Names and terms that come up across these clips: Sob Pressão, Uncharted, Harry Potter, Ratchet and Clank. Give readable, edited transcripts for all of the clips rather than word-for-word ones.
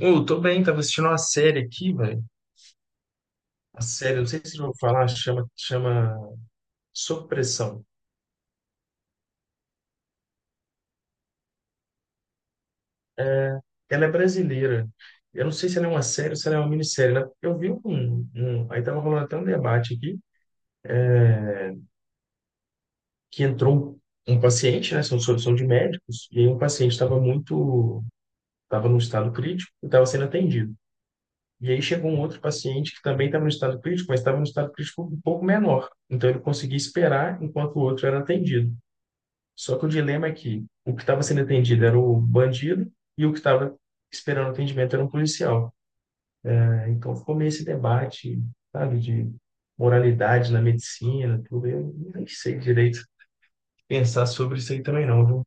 Ô, eu tô bem, tava assistindo uma série aqui, velho. A série, eu não sei se eu vou falar, chama Sob Pressão. Ela é brasileira. Eu não sei se ela é uma série ou se ela é uma minissérie, né? Eu vi aí tava rolando até um debate aqui, que entrou um paciente, né? São, são de médicos, e aí um paciente estava muito... Estava num estado crítico e estava sendo atendido. E aí chegou um outro paciente que também estava no estado crítico, mas estava no estado crítico um pouco menor. Então ele conseguia esperar enquanto o outro era atendido. Só que o dilema é que o que estava sendo atendido era o bandido e o que estava esperando atendimento era um policial, né? Então ficou meio esse debate, sabe, de moralidade na medicina, tudo. Eu nem sei direito pensar sobre isso aí também não, viu?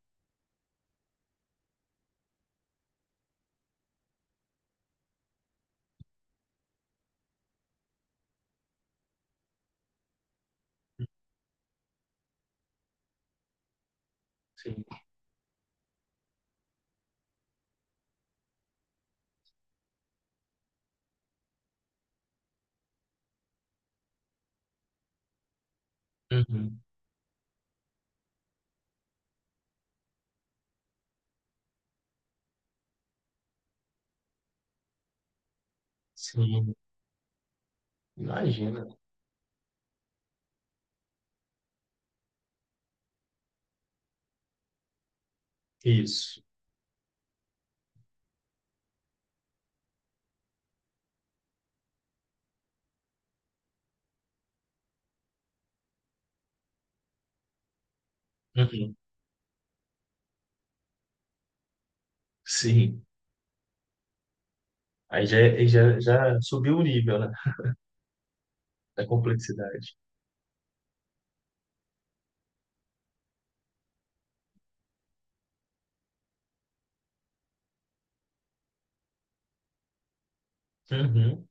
Sim. Uhum. Sim. Imagina. Isso. Uhum. Sim. Já subiu o nível, né, da complexidade. Uhum.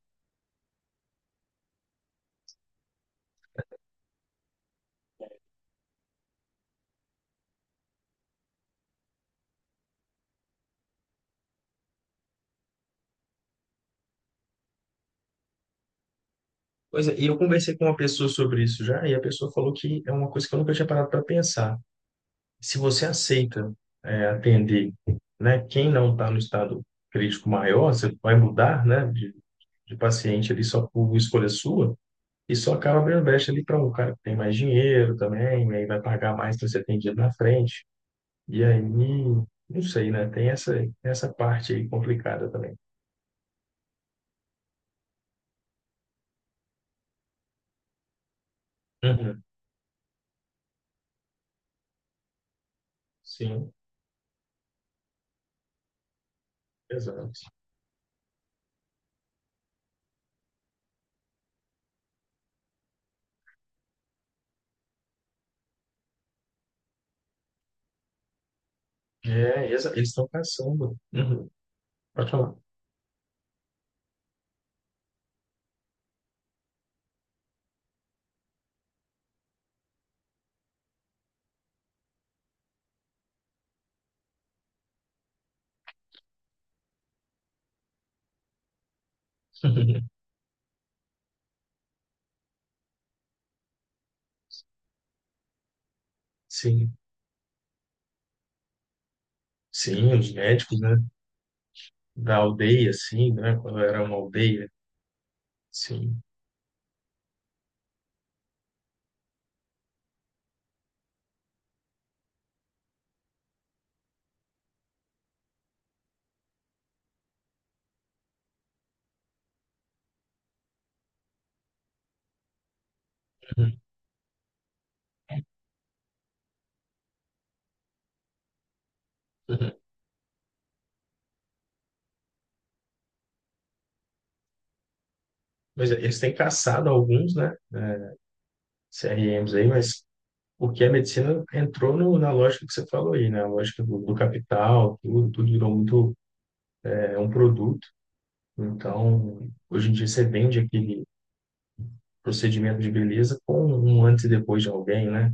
Pois é, e eu conversei com uma pessoa sobre isso já, e a pessoa falou que é uma coisa que eu nunca tinha parado para pensar. Se você aceita, é, atender, né, quem não está no estado crítico maior, você vai mudar, né, de paciente ali só por escolha sua, e só acaba abrindo brecha ali para um cara que tem mais dinheiro também, e aí vai pagar mais para ser atendido na frente. E aí, não sei, né, tem essa, essa parte aí complicada também. Uhum. Sim, exato. É, exa- eles estão caçando. Uhum. Pode falar. Sim, sim, os médicos, né, da aldeia, assim, né, quando era uma aldeia. Sim. Uhum, uhum. Mas eles têm caçado alguns, né? CRMs aí, mas porque a medicina entrou no, na lógica que você falou aí, né? A lógica do, do capital, tudo, tudo virou muito, é um produto. Então, hoje em dia você vende aquele procedimento de beleza com um antes e depois de alguém, né?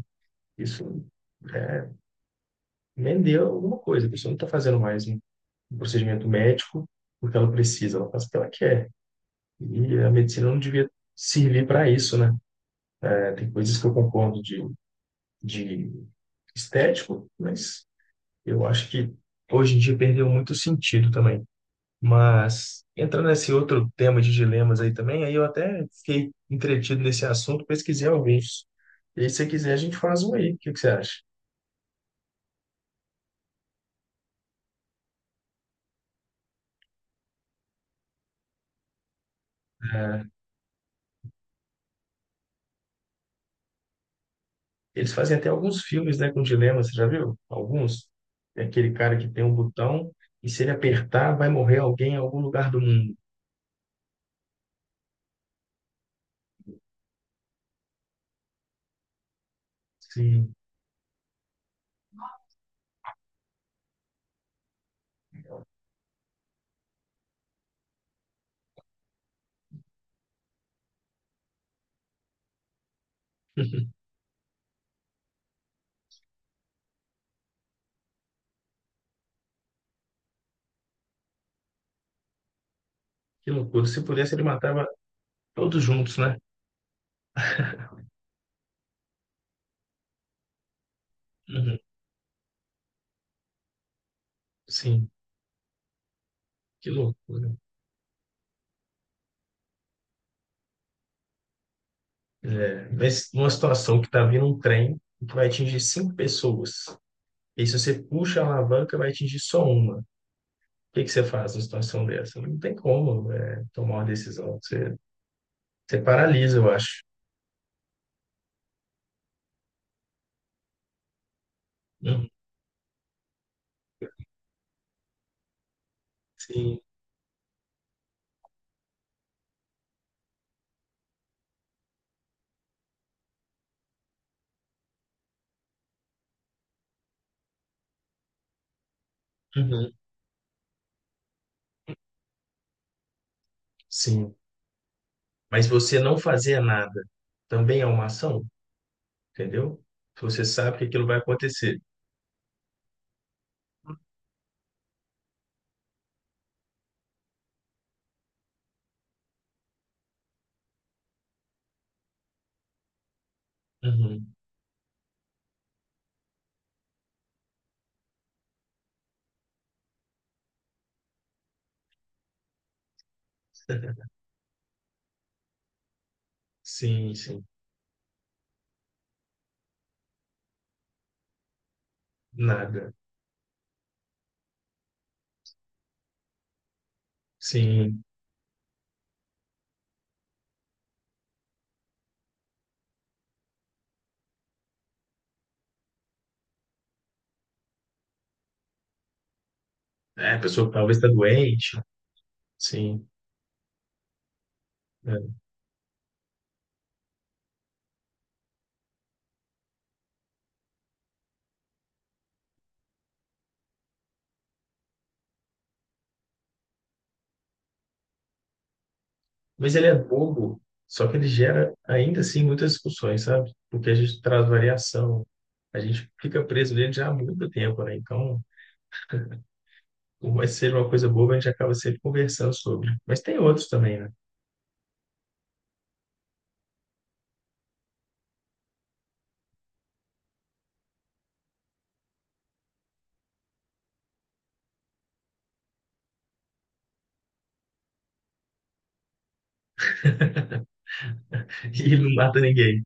Isso é, vendeu alguma coisa. A pessoa não está fazendo mais um procedimento médico porque ela precisa, ela faz o que ela quer. E a medicina não devia servir para isso, né? É, tem coisas que eu concordo de de estético, mas eu acho que hoje em dia perdeu muito sentido também. Mas entrando nesse outro tema de dilemas aí também, aí eu até fiquei entretido nesse assunto, pesquisei alguns. E aí, se você quiser, a gente faz um aí. O que que você acha? É, eles fazem até alguns filmes, né, com dilemas, você já viu? Alguns. É aquele cara que tem um botão e se ele apertar, vai morrer alguém em algum lugar do mundo. Sim. Que loucura. Se pudesse, ele matava todos juntos, né? Uhum. Sim. Que loucura. É, mas numa situação que está vindo um trem que vai atingir cinco pessoas, e se você puxa a alavanca, vai atingir só uma. O que que você faz numa situação dessa? Não tem como, é, tomar uma decisão. Você, você paralisa, eu acho. Uhum. Sim. Uhum. Sim. Mas você não fazer nada também é uma ação, entendeu? Você sabe que aquilo vai acontecer. Uhum. Sim, sim. Nada. Sim. É, a pessoa talvez está doente. Sim. É. Mas ele é bobo, só que ele gera ainda assim muitas discussões, sabe? Porque a gente traz variação, a gente fica preso nele já há muito tempo, né? Então, por mais que seja uma coisa boba, a gente acaba sempre conversando sobre. Mas tem outros também, né? E ele não mata ninguém.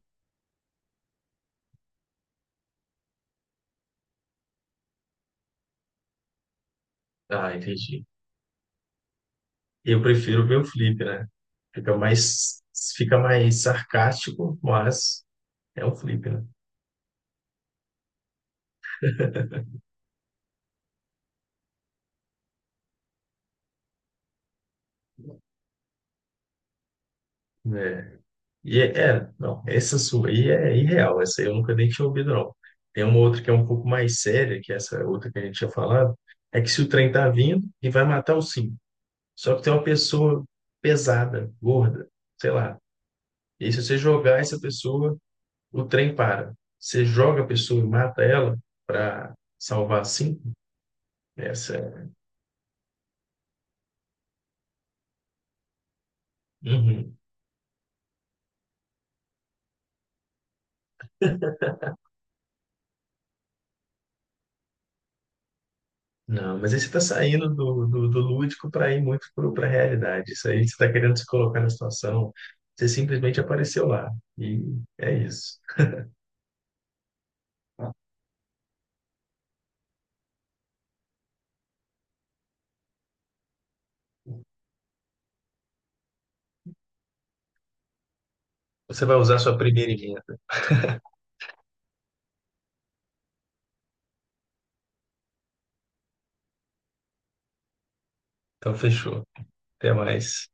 Ah, entendi. Eu prefiro ver o flip, né? Fica mais, fica mais sarcástico, mas é um flip, né? É. Não, essa sua aí é irreal, essa aí eu nunca nem tinha ouvido, não. Tem uma outra que é um pouco mais séria, que é essa outra que a gente tinha falado, é que se o trem tá vindo e vai matar o sim. Só que tem uma pessoa pesada, gorda, sei lá. E aí, se você jogar essa pessoa, o trem para. Você joga a pessoa e mata ela para salvar a sim? Essa é. Uhum. Não, mas aí você está saindo do, do, do lúdico para ir muito para a realidade. Isso aí você está querendo se colocar na situação, você simplesmente apareceu lá. E é isso. Você vai usar sua primeira emenda. Então, fechou. Até mais.